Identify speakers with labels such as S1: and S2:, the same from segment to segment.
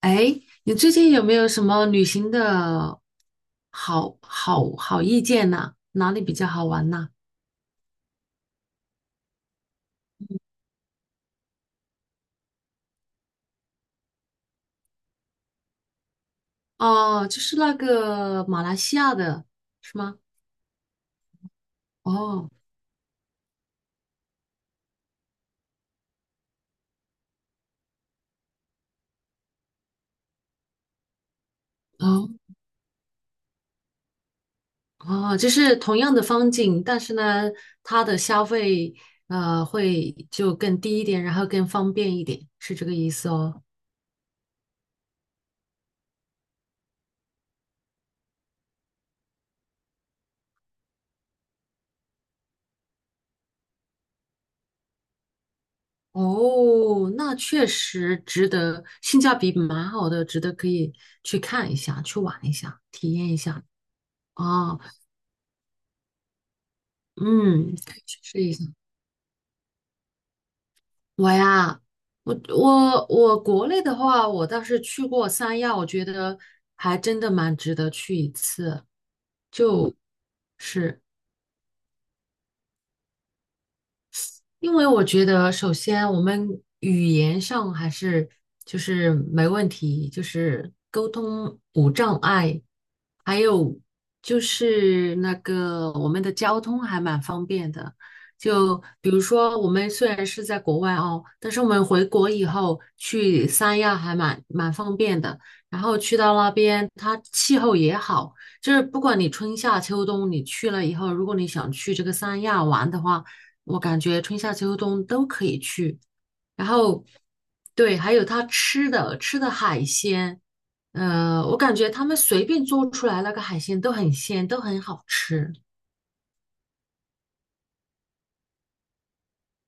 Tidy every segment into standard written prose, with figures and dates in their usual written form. S1: 哎，你最近有没有什么旅行的好意见呐？哪里比较好玩呐？哦，就是那个马来西亚的，是吗？哦哦哦，就是同样的风景，但是呢，它的消费会就更低一点，然后更方便一点，是这个意思哦。哦，那确实值得，性价比蛮好的，值得可以去看一下，去玩一下，体验一下。哦嗯，可以去试一下。我呀，我国内的话，我倒是去过三亚，我觉得还真的蛮值得去一次。就是。因为我觉得，首先我们语言上还是就是没问题，就是沟通无障碍，还有就是那个我们的交通还蛮方便的。就比如说，我们虽然是在国外哦，但是我们回国以后去三亚还蛮方便的。然后去到那边，它气候也好，就是不管你春夏秋冬，你去了以后，如果你想去这个三亚玩的话，我感觉春夏秋冬都可以去。然后，对，还有他吃的海鲜，我感觉他们随便做出来那个海鲜都很鲜，都很好吃。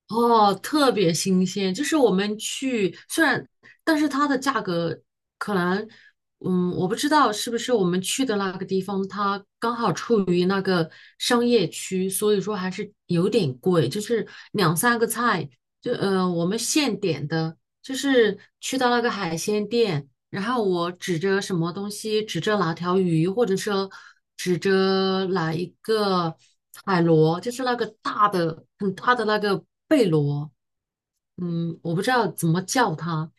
S1: 哦，特别新鲜，就是我们去，虽然，但是它的价格可能，嗯，我不知道是不是我们去的那个地方，它刚好处于那个商业区，所以说还是有点贵，就是两三个菜，就我们现点的，就是去到那个海鲜店，然后我指着什么东西，指着哪条鱼，或者说指着哪一个。海螺就是那个大的、很大的那个贝螺，嗯，我不知道怎么叫它。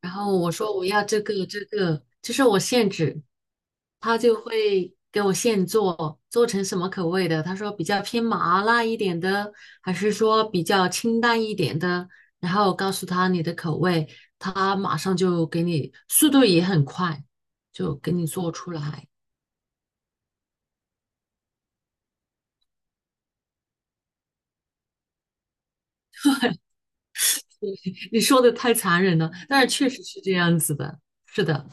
S1: 然后我说我要这个这个，就是我现制，他就会给我现做，做成什么口味的？他说比较偏麻辣一点的，还是说比较清淡一点的？然后告诉他你的口味，他马上就给你，速度也很快，就给你做出来。你说的太残忍了，但是确实是这样子的，是的。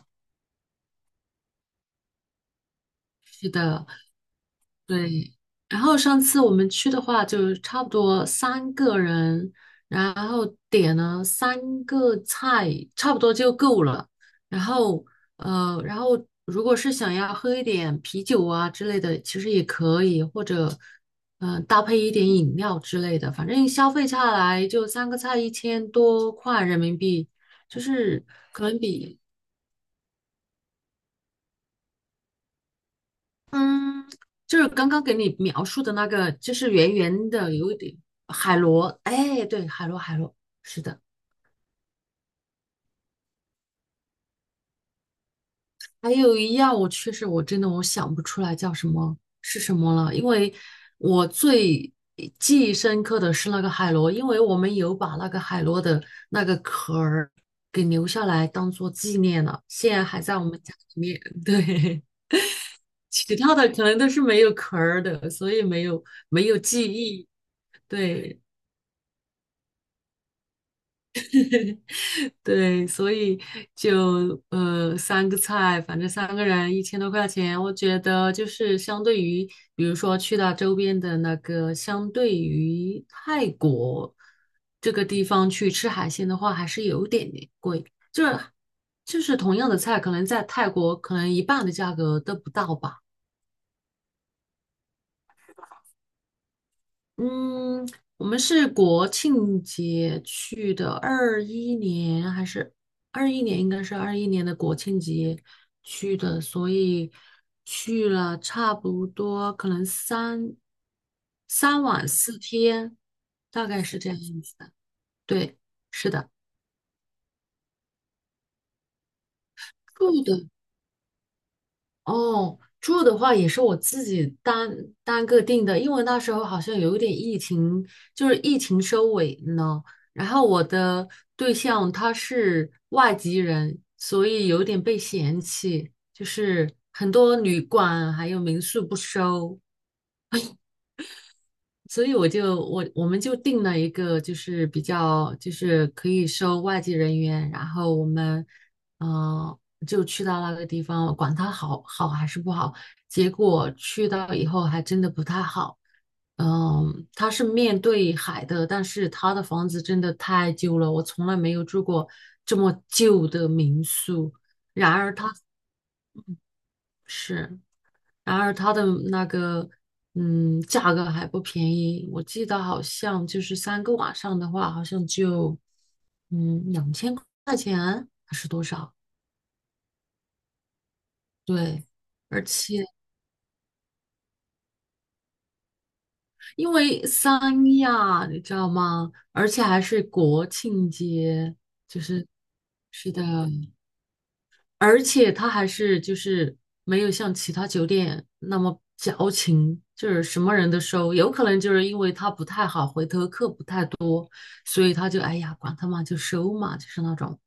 S1: 是的，对。然后上次我们去的话，就差不多三个人，然后点了三个菜，差不多就够了。然后，然后如果是想要喝一点啤酒啊之类的，其实也可以，或者，搭配一点饮料之类的。反正消费下来就三个菜一千多块人民币，就是可能比嗯，就是刚刚给你描述的那个，就是圆圆的，有一点海螺。哎，对，海螺，海螺，是的。还有一样，我确实我真的我想不出来叫什么是什么了，因为我最记忆深刻的是那个海螺，因为我们有把那个海螺的那个壳儿给留下来当做纪念了，现在还在我们家里面。对，其他的可能都是没有壳儿的，所以没有记忆。对。对，所以就三个菜，反正三个人一千多块钱，我觉得就是相对于，比如说去到周边的那个，相对于泰国这个地方去吃海鲜的话，还是有点点贵，就是就是同样的菜，可能在泰国可能一半的价格都不到吧。嗯，我们是国庆节去的，二一年还是二一年？应该是二一年的国庆节去的，所以去了差不多可能三晚四天，大概是这样子的。对，是的，住的哦，住的话也是我自己单个订的，因为那时候好像有一点疫情，就是疫情收尾呢。然后我的对象他是外籍人，所以有点被嫌弃，就是很多旅馆还有民宿不收。所以我们就定了一个，就是比较就是可以收外籍人员，然后我们嗯、呃就去到那个地方，管它好还是不好，结果去到以后还真的不太好。嗯，它是面对海的，但是它的房子真的太旧了，我从来没有住过这么旧的民宿。然而它是。然而它的那个价格还不便宜，我记得好像就是三个晚上的话，好像就两千块钱，对，而且因为三亚你知道吗？而且还是国庆节，就是是的，而且他还是就是没有像其他酒店那么矫情，就是什么人都收。有可能就是因为他不太好，回头客不太多，所以他就哎呀，管他嘛，就收嘛，就是那种。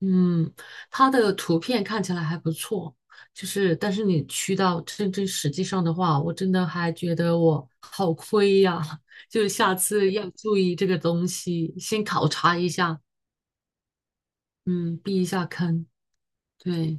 S1: 嗯，他的图片看起来还不错，就是但是你去到真正实际上的话，我真的还觉得我好亏呀，就下次要注意这个东西，先考察一下，嗯，避一下坑，对。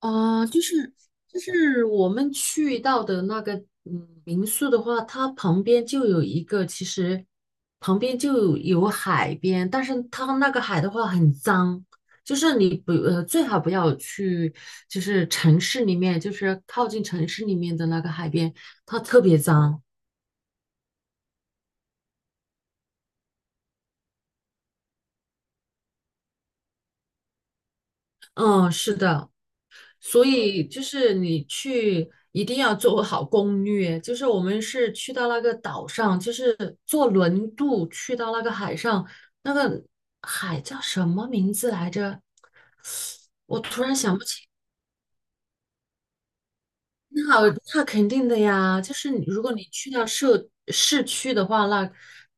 S1: 啊、就是我们去到的那个民宿的话，它旁边就有一个，其实旁边就有海边，但是它那个海的话很脏，就是你不最好不要去，就是城市里面，就是靠近城市里面的那个海边，它特别脏。嗯，是的。所以就是你去一定要做好攻略，就是我们是去到那个岛上，就是坐轮渡去到那个海上，那个海叫什么名字来着？我突然想不起。那那肯定的呀，就是你如果你去到市区的话，那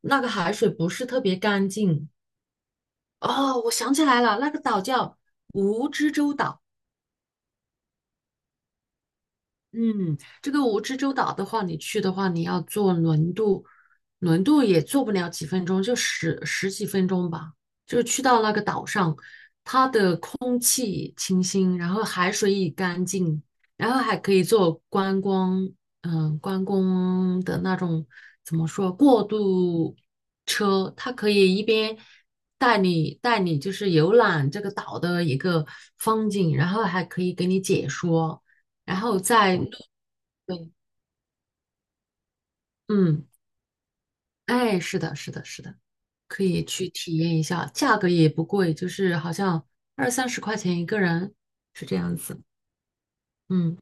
S1: 那个海水不是特别干净。哦，我想起来了，那个岛叫蜈支洲岛。嗯，这个蜈支洲岛的话，你去的话，你要坐轮渡，轮渡也坐不了几分钟，就十几分钟吧。就去到那个岛上，清，然后海水也干净，然后还可以做观光，嗯，观光的那种怎么说过渡车，它可以一边带你就是游览这个岛的一个风景，然后还可以给你解说，然后在路对，嗯。哎，是的，是的，是的，可以去体验一下，价格也不贵，就是好像二三十块钱一个人，是这样子。嗯，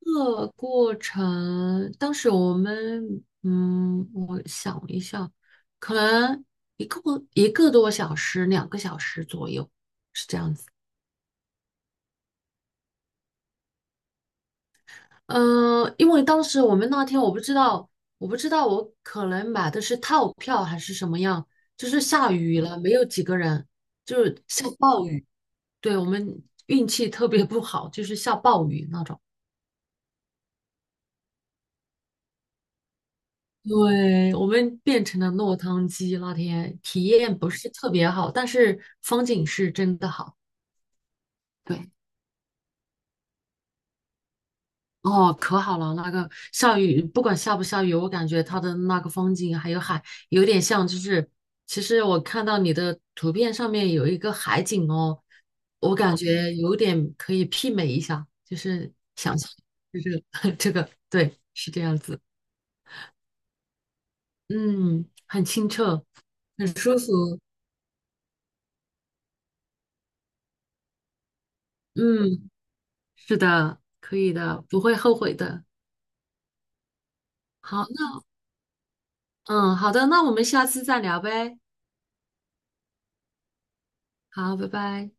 S1: 这个过程，当时我们，嗯，我想一下，可能一个一个多小时，两个小时左右，是这样子。嗯、因为当时我们那天我不知道，我可能买的是套票还是什么样，就是下雨了，没有几个人，就是下暴雨。对，我们运气特别不好，就是下暴雨那种。对，我们变成了落汤鸡，那天体验不是特别好，但是风景是真的好。对，哦，可好了，那个下雨，不管下不下雨，我感觉它的那个风景还有海，有点像，就是其实我看到你的图片上面有一个海景哦，我感觉有点可以媲美一下，就是想象，就是 这个，这个，对，是这样子。嗯，很清澈，很舒服。嗯，是的，可以的，不会后悔的。好，那嗯，好的，那我们下次再聊呗。好，拜拜。